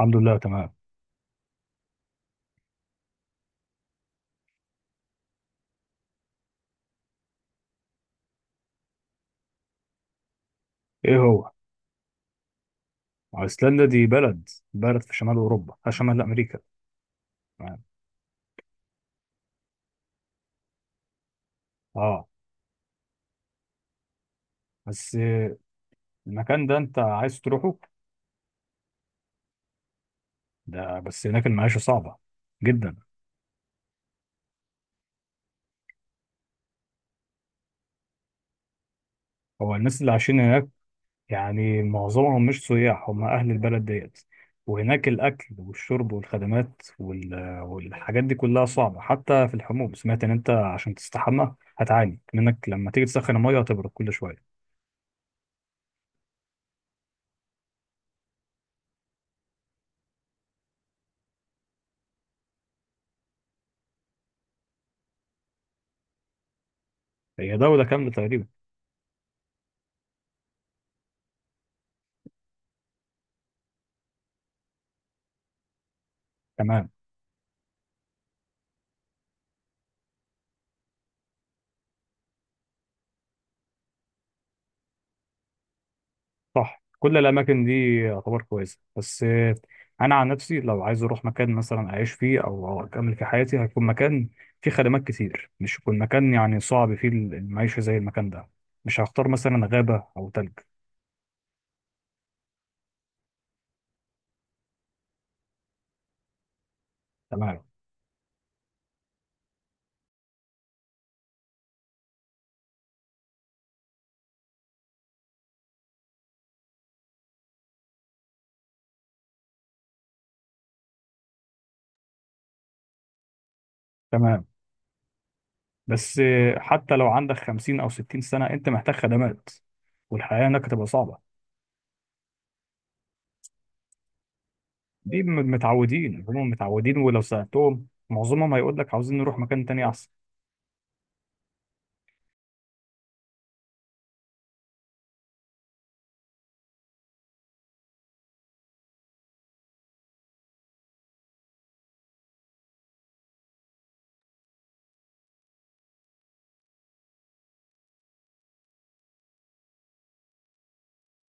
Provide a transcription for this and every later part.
الحمد لله تمام. ايه هو. ايسلندا دي بلد في شمال اوروبا، شمال امريكا. تمام. اه بس، المكان ده انت عايز تروحه؟ ده بس هناك المعيشه صعبه جدا. هو الناس اللي عايشين هناك يعني معظمهم مش سياح، هم اهل البلد ديت. وهناك الاكل والشرب والخدمات وال... والحاجات دي كلها صعبه، حتى في الحموم سمعت ان انت عشان تستحمى هتعاني منك لما تيجي تسخن الميه هتبرد كل شويه. هي دوله كامله تقريبا. تمام. صح، كل الاماكن دي يعتبر كويسه بس، انا عن نفسي لو عايز اروح مكان مثلا اعيش فيه او اكمل في حياتي، هيكون مكان فيه خدمات كتير، مش يكون مكان يعني صعب فيه المعيشه زي المكان ده. مش هختار مثلا غابه او تلج. تمام تمام. بس، حتى لو عندك 50 او 60 سنه انت محتاج خدمات، والحياه هناك هتبقى صعبه. دي متعودين، هم متعودين، ولو سالتهم معظمهم هيقول لك عاوزين نروح مكان تاني احسن.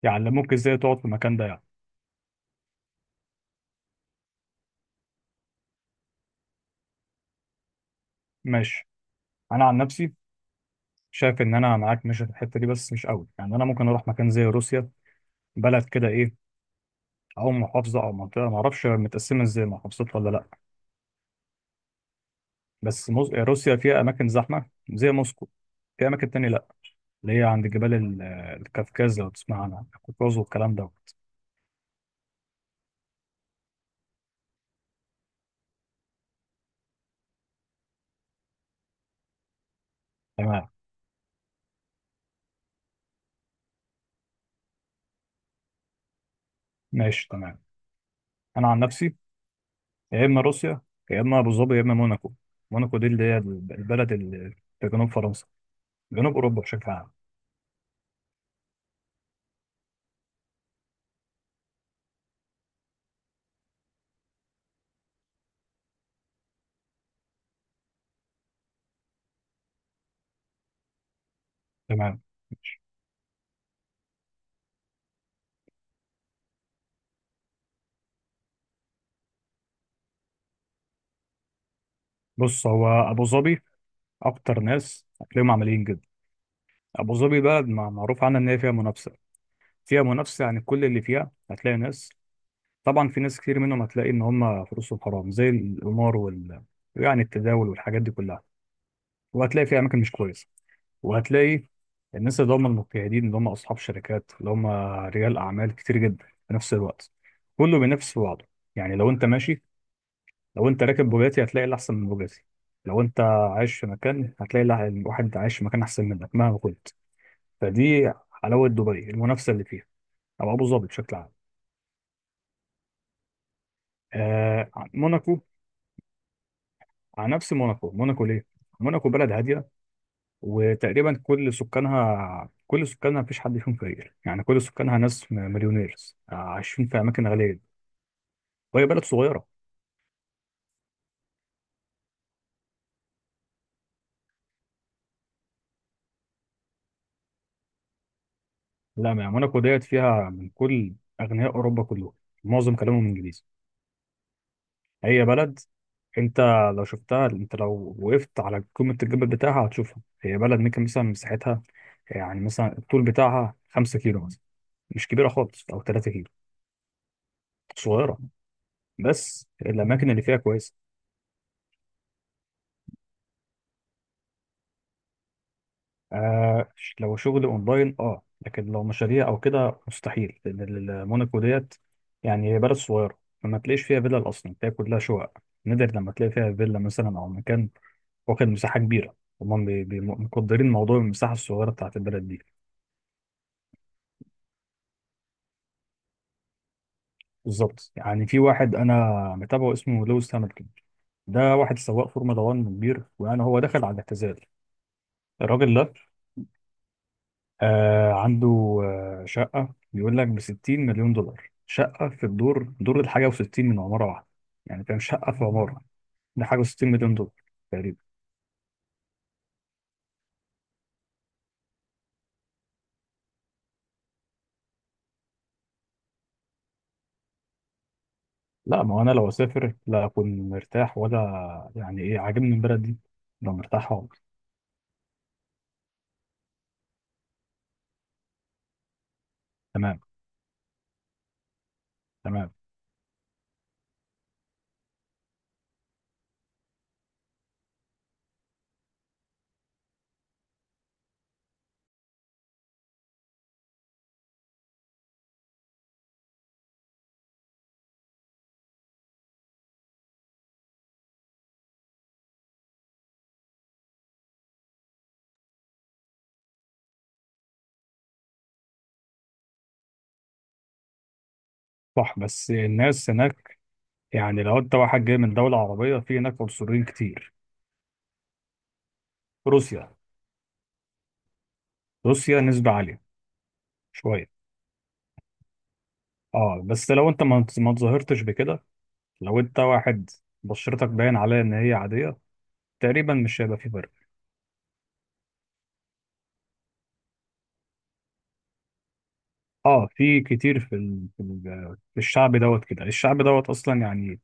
يعلموك ازاي تقعد في المكان ده يعني. ماشي. انا عن نفسي شايف ان انا معاك ماشي في الحته دي بس مش قوي، يعني انا ممكن اروح مكان زي روسيا. بلد كده ايه؟ او محافظه او منطقه، ما اعرفش متقسمه ازاي محافظات ولا لا. بس روسيا فيها اماكن زحمه زي موسكو. في اماكن تانية لا، اللي هي عند جبال الكافكاز، لو تسمع عنها الكوكاز والكلام دوت. تمام. ماشي. تمام. انا عن نفسي، يا اما روسيا، يا اما ابو ظبي، يا اما موناكو. موناكو دي اللي هي البلد اللي في جنوب فرنسا، جنوب اوروبا بشكل عام. تمام. ماشي. بص، هو ابو ظبي اكتر ناس هتلاقيهم عمليين جدا. ابو ظبي بلد معروف عنها ان هي فيها منافسه. فيها منافسه، يعني كل اللي فيها هتلاقي ناس. طبعا في ناس كتير منهم هتلاقي ان هم فلوسهم حرام زي القمار وال يعني التداول والحاجات دي كلها. وهتلاقي في اماكن مش كويسه. وهتلاقي الناس اللي هم المجتهدين، اللي هم اصحاب شركات، اللي هم رجال اعمال كتير جدا في نفس الوقت، كله بينافس في بعضه. يعني لو انت راكب بوجاتي هتلاقي اللي احسن من بوجاتي. لو انت عايش في مكان هتلاقي الواحد عايش في مكان احسن منك مهما كنت. فدي حلاوة دبي، المنافسة اللي فيها، او ابو ظبي بشكل عام. آه، موناكو. على نفس موناكو. موناكو ليه؟ موناكو بلد هاديه، وتقريبا كل سكانها مفيش حد فيهم فقير، يعني كل سكانها ناس مليونيرز، عايشين في اماكن غاليه. وهي بلد صغيره. لا، ما يعني موناكو ديت فيها من كل اغنياء اوروبا كلهم. معظم كلامهم انجليزي. هي بلد، انت لو شفتها، انت لو وقفت على قمه الجبل بتاعها هتشوفها، هي بلد ممكن مثلا مساحتها يعني مثلا الطول بتاعها 5 كيلو مثلا، مش كبيره خالص او 3. صغيرة، بس الأماكن اللي فيها كويسة. لو شغل أونلاين، لكن لو مشاريع أو كده مستحيل، لأن موناكو ديت يعني هي بلد صغيرة، فما تلاقيش فيها فيلا أصلا، تلاقي كلها شقق. نادر لما تلاقي فيها فيلا مثلا أو مكان واخد مساحة كبيرة. هما مقدرين موضوع المساحة الصغيرة بتاعت البلد دي. بالظبط، يعني في واحد أنا متابعه اسمه لويس هامilton. ده واحد سواق فورمولا 1 كبير، ويعني هو دخل على الاعتزال. الراجل ده عنده شقة بيقول لك بـ60 مليون دولار، شقة في الدور، دور الـ61 من عمارة واحدة. يعني فاهم، شقة في عمارة، دي 61 مليون دولار تقريبا. لا ما هو أنا لو أسافر لا أكون مرتاح، ولا يعني إيه عاجبني البلد دي أبقى مرتاح خالص. تمام تمام. صح بس الناس هناك يعني لو أنت واحد جاي من دولة عربية، في هناك عنصريين كتير. روسيا، روسيا نسبة عالية شوية. اه بس لو انت ما تظاهرتش بكده، لو انت واحد بشرتك باين عليها ان هي عاديه، تقريبا مش هيبقى في فرق. اه، في كتير، في الشعب دوت كده، الشعب دوت اصلا يعني،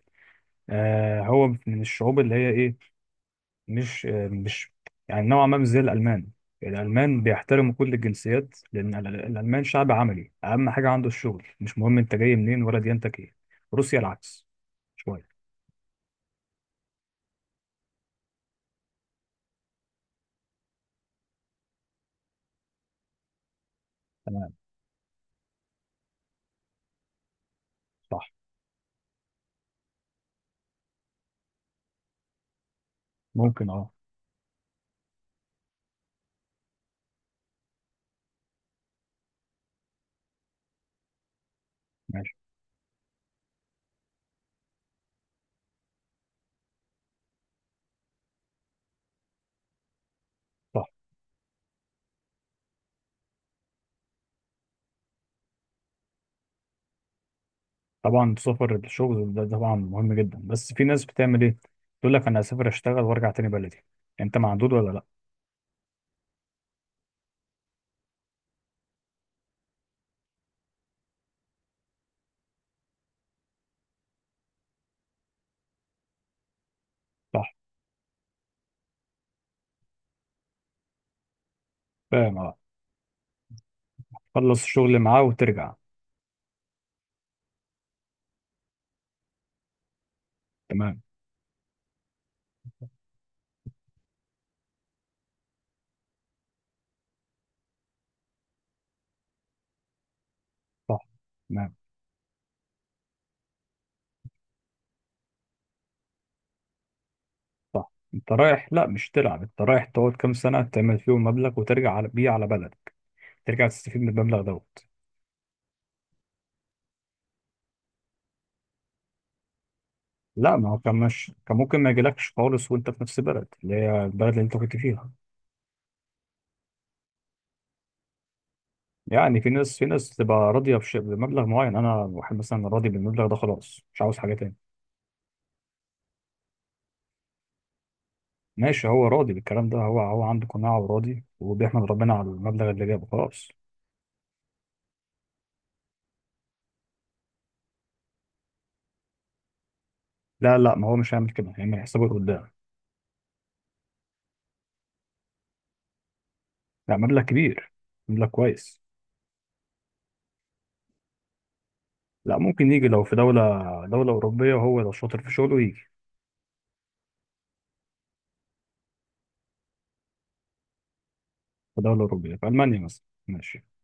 هو من الشعوب اللي هي ايه. مش، يعني نوعا ما مش زي الالمان. الالمان بيحترموا كل الجنسيات، لان الالمان شعب عملي، اهم حاجه عنده الشغل، مش مهم انت جاي منين ولا ديانتك ايه. روسيا العكس شويه. تمام. صح. ممكن اه. ماشي. صح، طبعا السفر الشغل ده طبعا مهم جدا، بس في ناس بتعمل ايه، تقول لك انا هسافر اشتغل وارجع تاني بلدي، انت معدود ولا لا؟ صح فاهم اه، تخلص الشغل اللي معاه وترجع. تمام. صح. تمام. صح، انت رايح لا مش تلعب، انت رايح تقعد كام سنه تعمل فيهم مبلغ وترجع على بيه على بلدك، ترجع تستفيد من المبلغ دوت. لا ما هو كان مش كان ممكن ما يجيلكش خالص وانت في نفس البلد اللي هي البلد اللي انت كنت فيها. يعني في ناس تبقى راضيه بمبلغ معين، انا واحد مثلا راضي بالمبلغ ده، خلاص مش عاوز حاجه تاني. ماشي، هو راضي بالكلام ده، هو عنده قناعة وراضي، وبيحمد ربنا على المبلغ اللي جابه خلاص. لا لا، ما هو مش هيعمل كده، هيعمل حسابه لقدام. لا، مبلغ كبير، مبلغ كويس. لا، ممكن يجي لو في دولة أوروبية، وهو لو شاطر في شغله يجي. في دولة أوروبية في ألمانيا مثلا، ماشي.